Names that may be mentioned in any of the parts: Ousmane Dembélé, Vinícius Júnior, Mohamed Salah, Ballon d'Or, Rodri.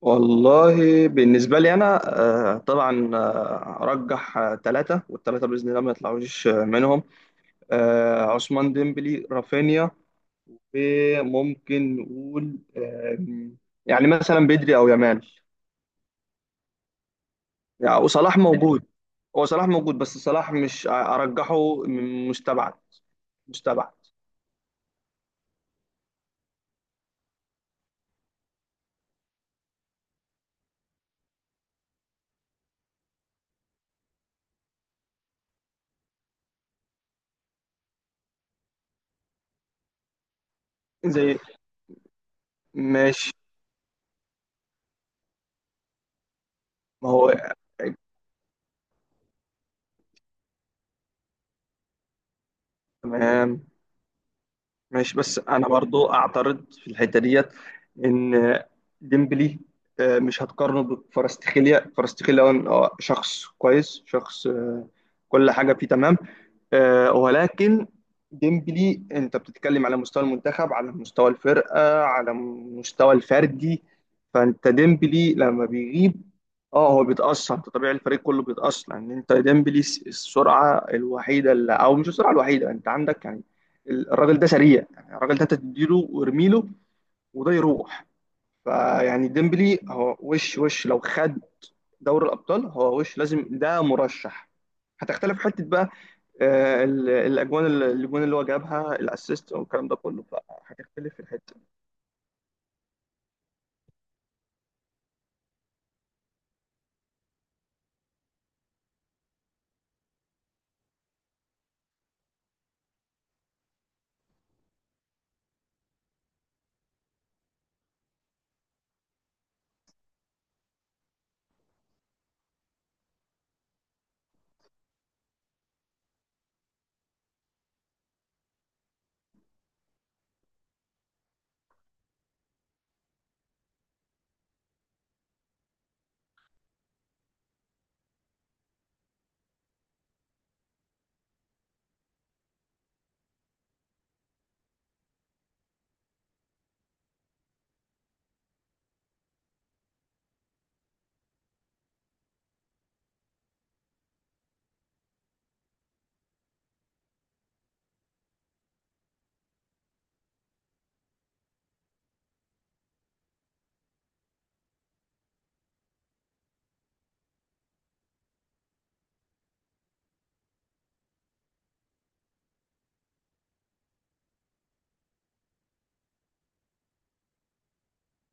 والله بالنسبة لي أنا، طبعا، أرجح ثلاثة والثلاثة بإذن الله ما يطلعوش، منهم عثمان ديمبلي، رافينيا، وممكن نقول يعني مثلا بدري أو يامال، يعني وصلاح موجود. هو صلاح موجود، بس صلاح مش أرجحه، من مستبعد. مستبعد. زي. ماشي. ما هو تمام. ماشي، بس انا برضو اعترض في الحته ديت، ان ديمبلي مش هتقارنه بفارستخيليا. فارستخيليا هو شخص كويس، شخص كل حاجه فيه تمام. ولكن ديمبلي انت بتتكلم على مستوى المنتخب، على مستوى الفرقه، على مستوى الفردي. فانت ديمبلي لما بيغيب، اه هو بيتاثر، انت طبيعي الفريق كله بيتاثر، لان انت ديمبلي السرعه الوحيده اللي، او مش السرعه الوحيده، انت عندك يعني الراجل ده سريع، يعني الراجل ده انت تديله وارميله وده يروح. فيعني ديمبلي هو وش، وش لو خد دوري الابطال، هو وش لازم ده مرشح. هتختلف حته بقى. الاجوان اللي هو جابها، الاسيست والكلام ده كله، فهتختلف في الحته.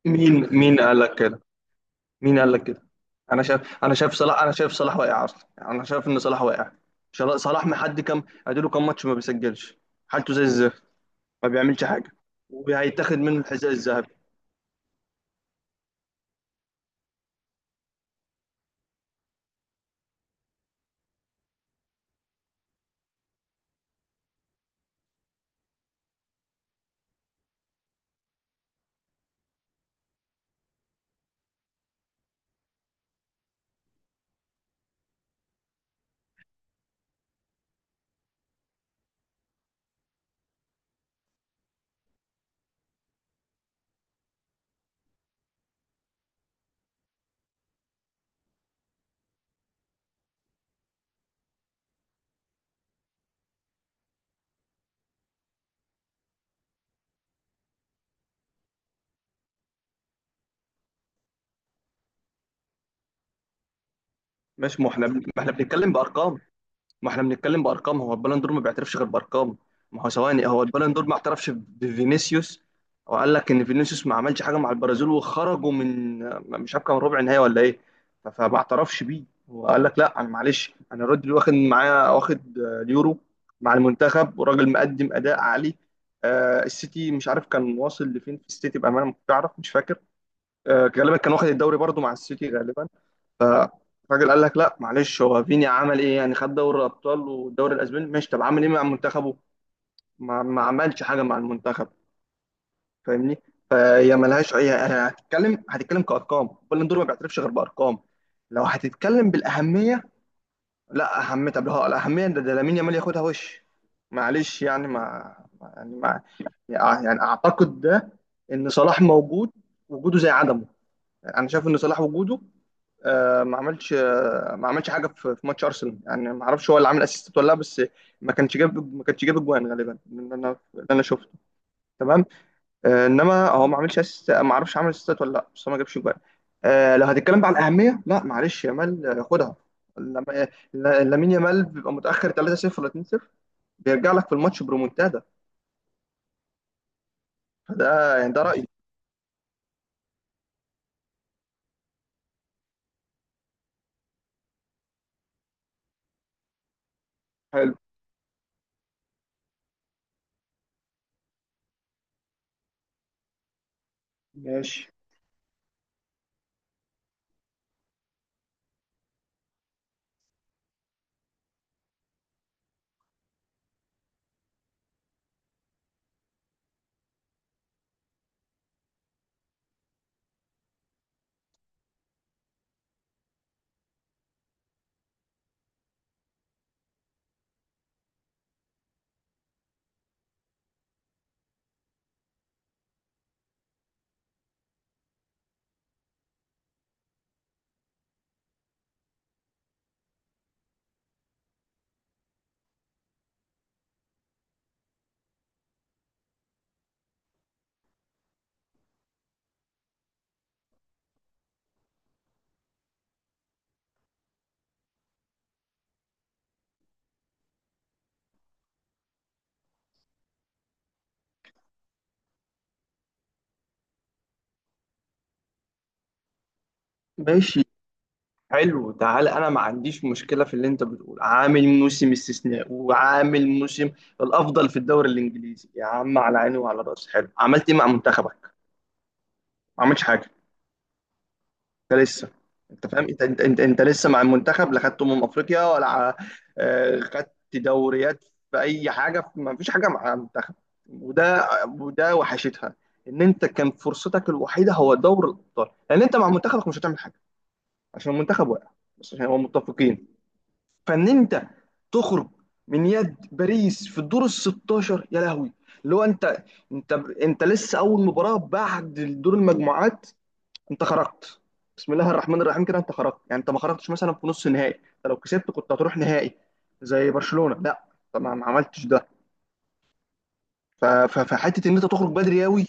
مين قال لك كده؟ مين قال لك كده؟ انا شايف صلاح. انا شايف صلاح واقع اصلا. يعني انا شايف ان صلاح واقع. صلاح محد، كام اديله كام ماتش ما بيسجلش؟ حالته زي الزفت. ما بيعملش حاجه. وهيتاخد منه الحذاء الذهبي. ماشي. ما احنا بنتكلم بارقام. ما احنا بنتكلم بارقام. هو البالون دور ما بيعترفش غير بارقام. ما هو ثواني، هو البالون دور ما اعترفش بفينيسيوس، وقال لك ان فينيسيوس ما عملش حاجه مع البرازيل، وخرجوا من، مش عارف كان ربع نهائي ولا ايه. فما اعترفش بيه، وقال لك لا انا معلش، انا رودري واخد معايا، واخد اليورو مع المنتخب، وراجل مقدم اداء عالي. السيتي، مش عارف كان واصل لفين في السيتي، بامانه ما كنتش اعرف، مش فاكر. غالبا كان واخد الدوري برضو مع السيتي، غالبا. فالراجل قال لك لا معلش، هو فيني عمل ايه؟ يعني خد دوري الابطال والدوري الاسباني ماشي، طب عمل ايه مع منتخبه؟ ما عملش حاجه مع المنتخب. فاهمني؟ فهي ملهاش اي، هتتكلم كارقام، بالون دور ما بيعترفش غير بارقام. لو هتتكلم بالاهميه، لا اهميه، طب هو الاهميه ده لامين يامال ياخدها وش؟ معلش يعني، ما يعني اعتقد ده، ان صلاح موجود وجوده زي عدمه. انا شايف ان صلاح وجوده ما عملش حاجه، في ماتش ارسنال، يعني ما اعرفش هو اللي عامل اسيست ولا لا، بس ما كانش جاب اجوان غالبا، اللي انا شفته. تمام. انما هو ما عملش اسيست، ما اعرفش عمل اسيستات ولا لا، بس هو ما جابش اجوان. لو هتتكلم بقى على الاهميه، لا معلش يامال خدها. لما- لامين يامال بيبقى متاخر 3-0 ولا 2-0، بيرجع لك في الماتش برومونتادا. فده يعني، ده رايي. حلو. ماشي ماشي. حلو. تعالى انا ما عنديش مشكله في اللي انت بتقول، عامل موسم استثناء، وعامل موسم الافضل في الدوري الانجليزي، يا عم على عيني وعلى راسي، حلو. عملت ايه مع منتخبك؟ ما عملتش حاجه. انت لسه، انت فاهم؟ انت لسه مع المنتخب، لا خدت افريقيا، ولا خدت دوريات في اي حاجه؟ ما فيش حاجه مع المنتخب. وده وده وحشتها، ان انت كان فرصتك الوحيده هو دور الابطال، لان انت مع منتخبك مش هتعمل حاجه، عشان المنتخب واقع، بس عشان هو متفقين. فان انت تخرج من يد باريس في الدور ال 16، يا لهوي! اللي هو انت، انت انت لسه اول مباراه بعد دور المجموعات، انت خرجت. بسم الله الرحمن الرحيم. كده انت خرجت، يعني انت ما خرجتش مثلا في نص النهائي. انت لو كسبت كنت هتروح نهائي زي برشلونه، لا طبعا ما عملتش ده. فحته ان انت تخرج بدري قوي،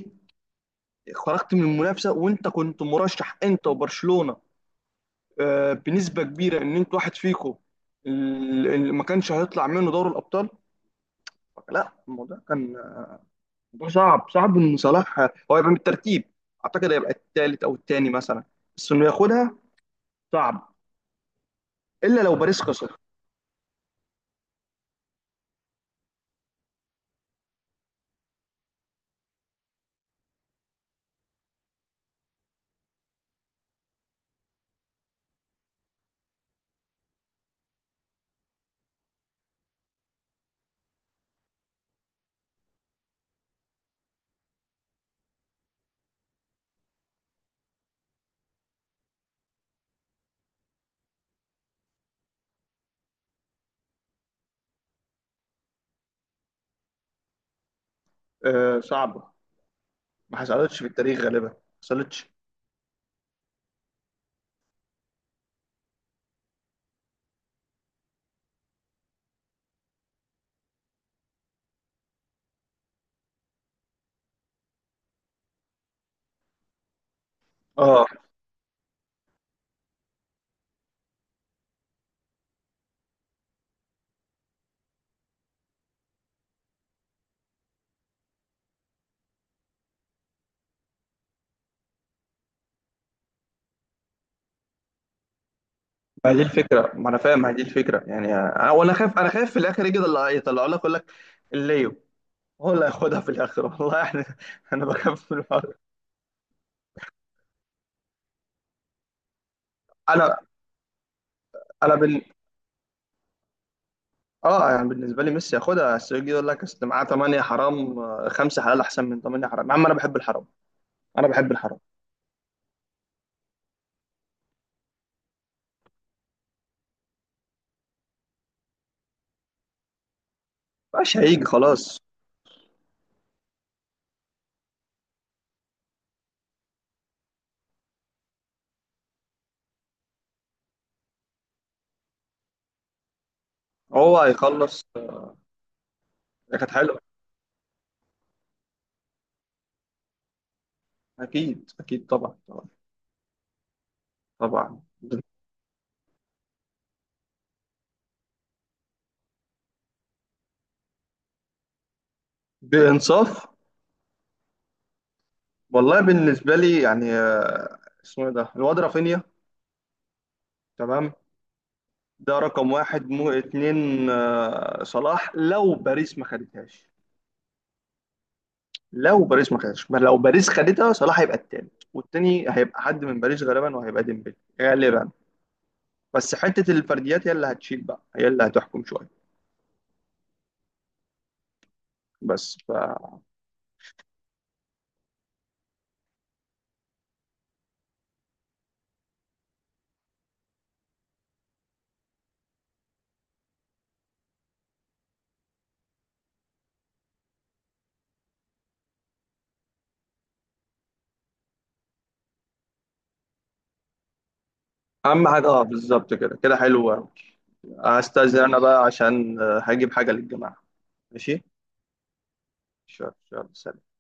خرجت من المنافسه وانت كنت مرشح، انت وبرشلونه بنسبه كبيره ان انت واحد فيكم اللي ما كانش هيطلع منه دوري الابطال. لا الموضوع كان موضوع صعب. صعب ان صلاح هو يبقى من الترتيب. اعتقد هيبقى الثالث او الثاني مثلا، بس انه ياخدها صعب، الا لو باريس خسر. آه، صعبه. ما حصلتش في التاريخ غالبا، ما حصلتش. اه ما دي الفكره، ما انا فاهم. ما دي الفكره يعني، انا وانا خايف، انا خايف في الاخر يجي اللي يطلعوا لك يقول لك الليو هو اللي هياخدها في الاخر، والله احنا انا بخاف من الحوار. انا انا اه يعني بالنسبه لي ميسي ياخدها، بس يجي يقول لك اصل معاه 8 حرام، خمسه حلال احسن من 8 حرام يا عم. انا بحب الحرام، انا بحب الحركه. مش هيجي خلاص. هو هيخلص. هي كانت حلوه. اكيد اكيد، طبعا طبعا طبعا، بانصاف. والله بالنسبه لي يعني اسمه ايه ده الواد؟ رافينيا. تمام. ده رقم واحد، مو اتنين صلاح، لو باريس ما خدتهاش. لو باريس ما خدتهاش ما لو باريس خدتها، صلاح هيبقى التالت، والتاني هيبقى حد من باريس غالبا، وهيبقى ديمبلي غالبا. بس حته الفرديات هي اللي هتشيل بقى، هي اللي هتحكم شويه. بس ف اهم حاجه اه، بالظبط كده كده، حلو أوي. هستأذن انا بقى عشان هجيب حاجه للجماعه. ماشي. شكرا شكرا. سلام.